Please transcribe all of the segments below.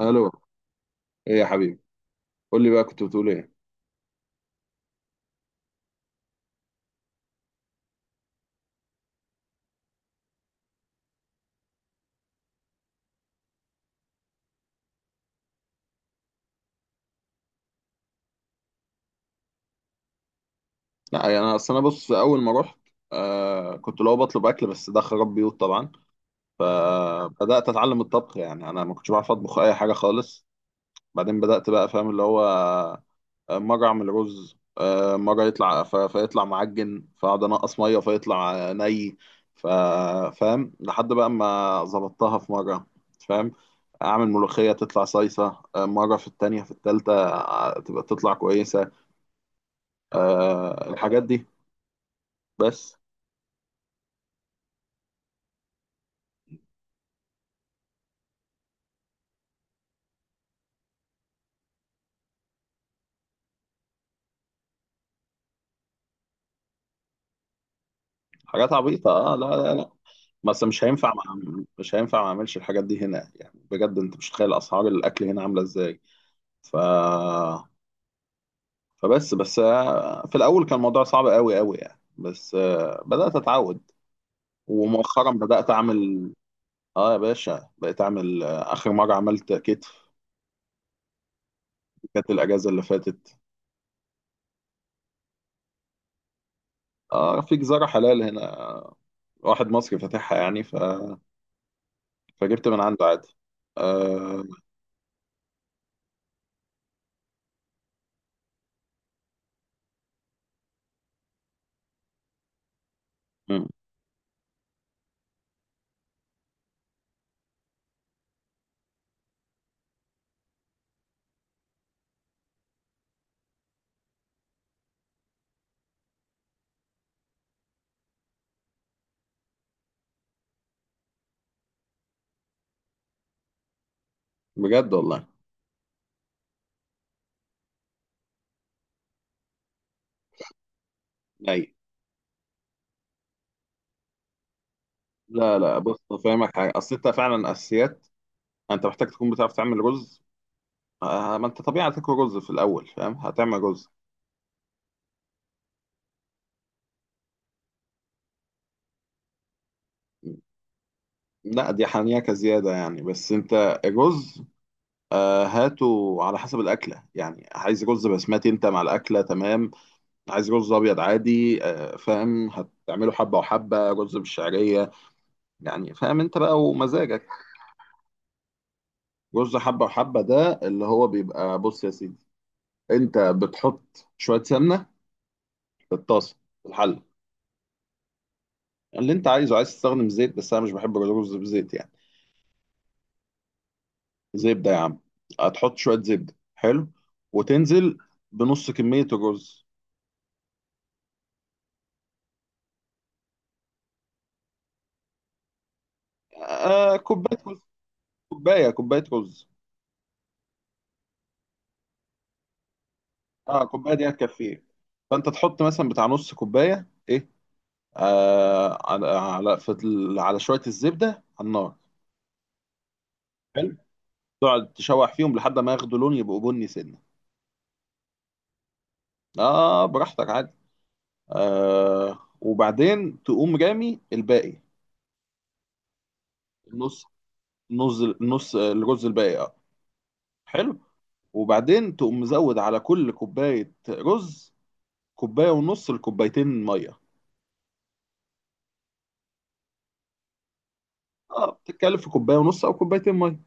الو. ايه يا حبيبي؟ قول لي بقى، كنت بتقول ايه؟ لا يعني انا، اصل انا بص اول ما رحت، كنت لو بطلب اكل، بس ده خراب بيوت طبعا. فبدات اتعلم الطبخ، يعني انا ما كنتش بعرف اطبخ اي حاجه خالص. بعدين بدات بقى فاهم اللي هو مره اعمل رز، مره يطلع فيطلع معجن، فاقعد انقص ميه فيطلع ني، ف- فاهم لحد بقى ما ظبطتها في مره. فاهم؟ اعمل ملوخيه تطلع صيصه، مره، في التانية، في التالتة تبقى تطلع كويسه. آه، الحاجات دي بس. حاجات عبيطة، اه، لا لا لا. بس مش هينفع، ما مش هينفع ما اعملش الحاجات دي هنا، يعني بجد انت مش متخيل اسعار الاكل هنا عاملة ازاي. ف فبس بس، في الاول كان الموضوع صعب قوي قوي يعني، بس بدأت اتعود، ومؤخرا بدأت اعمل. اه يا باشا، بقيت اعمل، اخر مرة عملت كتف، كانت الاجازة اللي فاتت. اه، في جزارة حلال هنا، آه، واحد مصري فاتحها يعني، فجبت من عنده عادي. آه، بجد والله. اي، لا لا، بص فاهمك حاجه، اصل انت فعلا اساسيات، انت محتاج تكون بتعرف تعمل رز. آه، ما انت طبيعي هتاكل رز في الاول، فاهم؟ هتعمل رز، لا دي حنيكه زياده يعني، بس انت الرز هاته على حسب الاكله، يعني عايز رز بسمتي انت مع الاكله تمام، عايز رز ابيض عادي، فاهم؟ هتعمله حبه وحبه، رز بالشعريه يعني، فاهم؟ انت بقى ومزاجك. رز حبه وحبه ده اللي هو بيبقى، بص يا سيدي، انت بتحط شويه سمنه في الطاسه، في الحله، اللي انت عايزه. عايز تستخدم زيت، بس انا مش بحب الرز بزيت يعني. زبده يا عم. هتحط شويه زبده، حلو، وتنزل بنص كميه الرز. آه، كوبايه رز. كوبايه، كوبايه رز. اه كوبايه دي هتكفيه. فانت تحط مثلا بتاع نص كوبايه، ايه، آه، على شويه الزبده على النار. حلو. تقعد تشوح فيهم لحد ما ياخدوا لون، يبقوا بني سنه. اه براحتك عادي. آه، وبعدين تقوم رامي الباقي. النص، نص نص الرز الباقي، اه، حلو. وبعدين تقوم مزود على كل كوباية رز، كوباية ونص لكوبايتين مية. اه بتتكلم في كوباية ونص أو كوبايتين مية.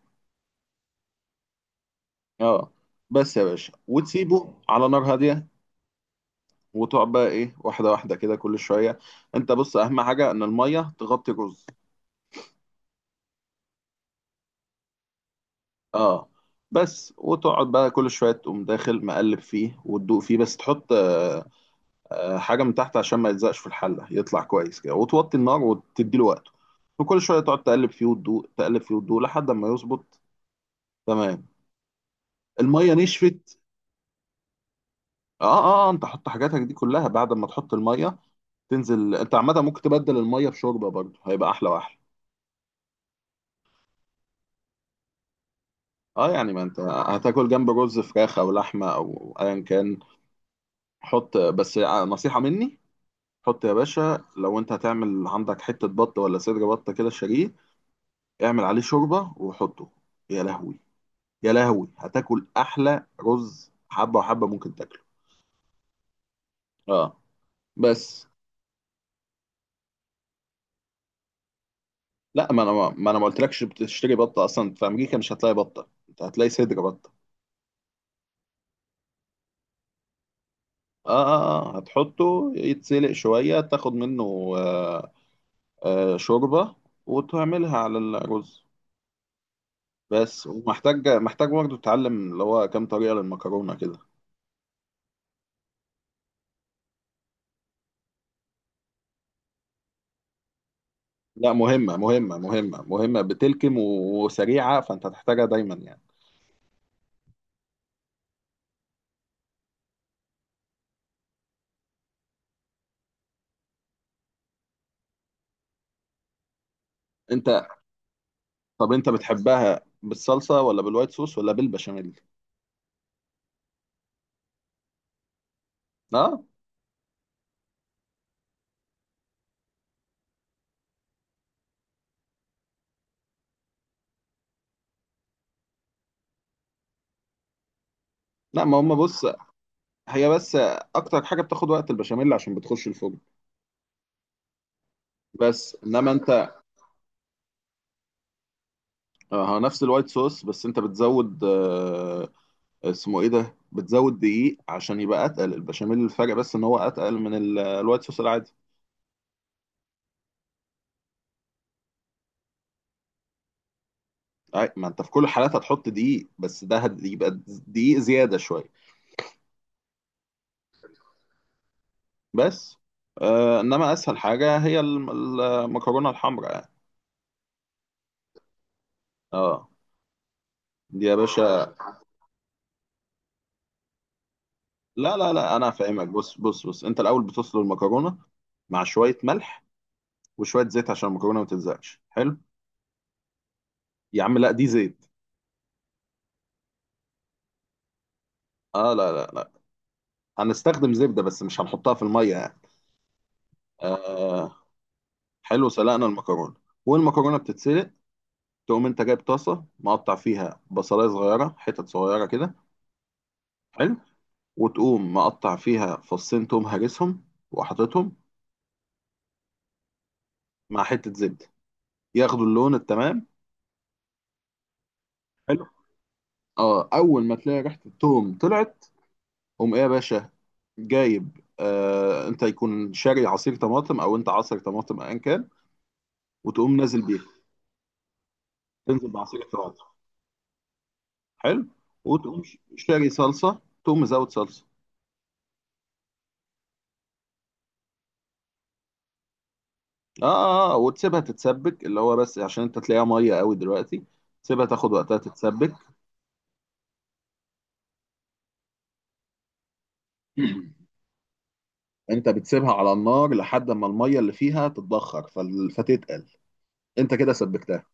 اه. بس يا باشا، وتسيبه على نار هادية، وتقعد بقى إيه، واحدة واحدة كده كل شوية. أنت بص، أهم حاجة إن المية تغطي الرز. اه بس، وتقعد بقى كل شوية تقوم داخل مقلب فيه وتدوق فيه، بس تحط حاجه من تحت عشان ما يلزقش في الحله، يطلع كويس كده، وتوطي النار وتدي له وقته، وكل شويه تقعد تقلب فيه وتدوق، تقلب فيه وتدوق لحد ما يظبط. تمام؟ الميه نشفت؟ اه اه، انت حط حاجاتك دي كلها بعد ما تحط الميه. تنزل انت عامه، ممكن تبدل الميه بشوربه برضه، هيبقى احلى واحلى. اه، يعني ما انت هتاكل جنب رز فراخ او لحمه او ايا كان. حط، بس نصيحه مني، حط يا باشا، لو انت هتعمل عندك حته بط ولا صدر بط كده، شاريه، اعمل عليه شوربه وحطه. يا لهوي يا لهوي، هتاكل احلى رز حبه وحبه ممكن تاكله. اه، بس. لا، ما انا ما قلتلكش؟ بتشتري بطه اصلا؟ في امريكا مش هتلاقي بطه، انت هتلاقي صدر بطه. اه اه اه، هتحطه يتسلق شويه، تاخد منه شوربه، وتعملها على الرز. بس. ومحتاج، محتاج برضه تتعلم اللي هو كام طريقه للمكرونه كده. لا، مهمه مهمه مهمه مهمه، بتلكم وسريعه، فانت هتحتاجها دايما يعني. انت، طب انت بتحبها بالصلصه ولا بالوايت صوص ولا بالبشاميل؟ اه، لا ما هم، بص، هي بس اكتر حاجه بتاخد وقت البشاميل عشان بتخش الفرن. بس انما انت اه، نفس الوايت صوص، بس انت بتزود اسمه ايه ده، بتزود دقيق عشان يبقى اتقل البشاميل، الفرق بس ان هو اتقل من الوايت صوص العادي. اي، ما انت في كل الحالات هتحط دقيق، بس ده يبقى دقيق زياده شويه. بس، انما اسهل حاجه هي المكرونه الحمراء يعني. اه دي يا باشا، لا لا لا، انا فاهمك، بص بص بص، انت الاول بتسلق المكرونه مع شويه ملح وشويه زيت عشان المكرونه ما تلزقش، حلو. يا عم لا، دي زيت. اه لا لا لا، هنستخدم زبده بس مش هنحطها في الميه يعني. آه، حلو، سلقنا المكرونه، والمكرونه بتتسلق، تقوم انت جايب طاسه مقطع فيها بصلايه صغيره، حتت صغيره كده، حلو، وتقوم مقطع فيها فصين توم هرسهم وحاططهم مع حته زبده، ياخدوا اللون التمام. حلو. اه، اول ما تلاقي ريحه التوم طلعت، قوم ايه يا باشا، جايب، انت يكون شاري عصير طماطم، او انت عصير طماطم ايا كان، وتقوم نازل بيها. تنزل بعصير طماطم، حلو، وتقوم شاري صلصه، تقوم مزود صلصه. وتسيبها تتسبك، اللي هو بس عشان انت تلاقيها ميه قوي دلوقتي، تسيبها تاخد وقتها تتسبك. انت بتسيبها على النار لحد ما الميه اللي فيها تتبخر، فتتقل، انت كده سبكتها.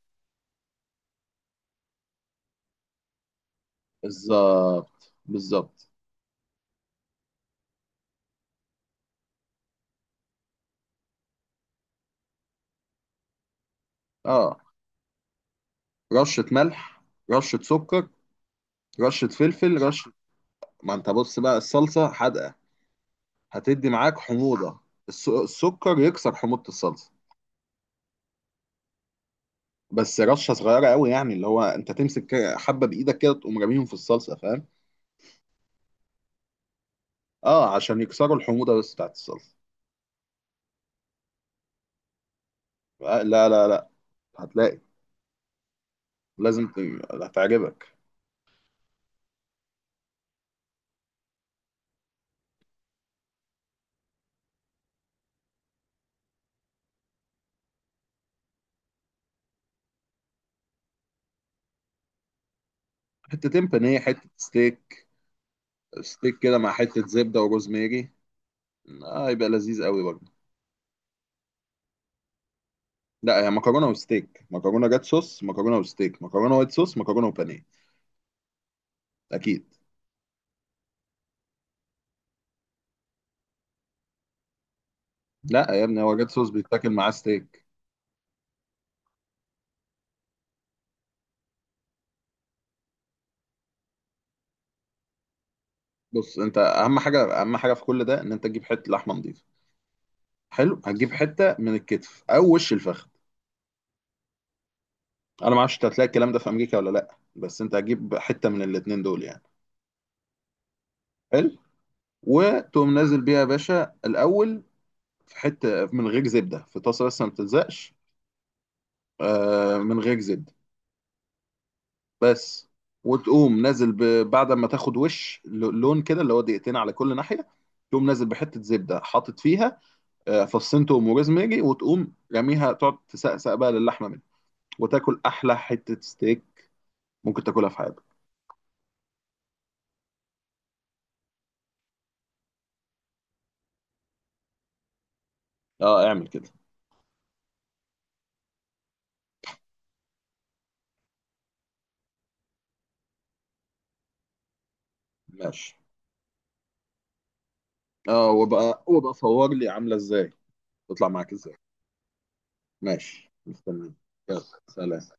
بالظبط، بالظبط. اه، رشه ملح، رشه سكر، رشة فلفل، رشة. ما انت بص بقى، الصلصة حادقة، هتدي معاك حموضة، السكر يكسر حموضة الصلصة. بس رشة صغيرة قوي يعني، اللي هو انت تمسك كده حبة بإيدك كده، تقوم راميهم في الصلصة، فاهم؟ اه، عشان يكسروا الحموضة بس بتاعت الصلصة. آه، لا لا لا، هتلاقي، لازم هتعجبك. حتتين بانيه، حتة ستيك، ستيك كده مع حتة زبدة وروزميري، اه يبقى لذيذ قوي برضه. لا، هي مكرونة وستيك، مكرونة جات صوص، مكرونة وستيك، مكرونة وايت صوص، مكرونة وبانيه. اكيد. لا يا ابني، هو جات صوص بيتاكل معاه ستيك. بص انت، اهم حاجه، اهم حاجه في كل ده، ان انت تجيب حته لحمه نظيفه. حلو. هتجيب حته من الكتف او وش الفخذ. انا ما اعرفش انت هتلاقي الكلام ده في امريكا ولا لا، بس انت هتجيب حته من الاتنين دول يعني. حلو. وتقوم نازل بيها يا باشا الاول، في حته من غير زبده في طاسه بس ما بتلزقش، آه، من غير زبده بس. وتقوم نازل بعد ما تاخد وش لون كده، اللي هو دقيقتين على كل ناحيه، تقوم نازل بحته زبده، حاطط فيها فصين توم وروزماري، وتقوم راميها تقعد تسقسق بقى للحمه منها، وتاكل احلى حته ستيك ممكن تاكلها في حياتك. اه اعمل كده. ماشي. اه، وبقى وبقى صور لي عامله ازاي، تطلع معاك ازاي. ماشي، مستني. يلا سلام.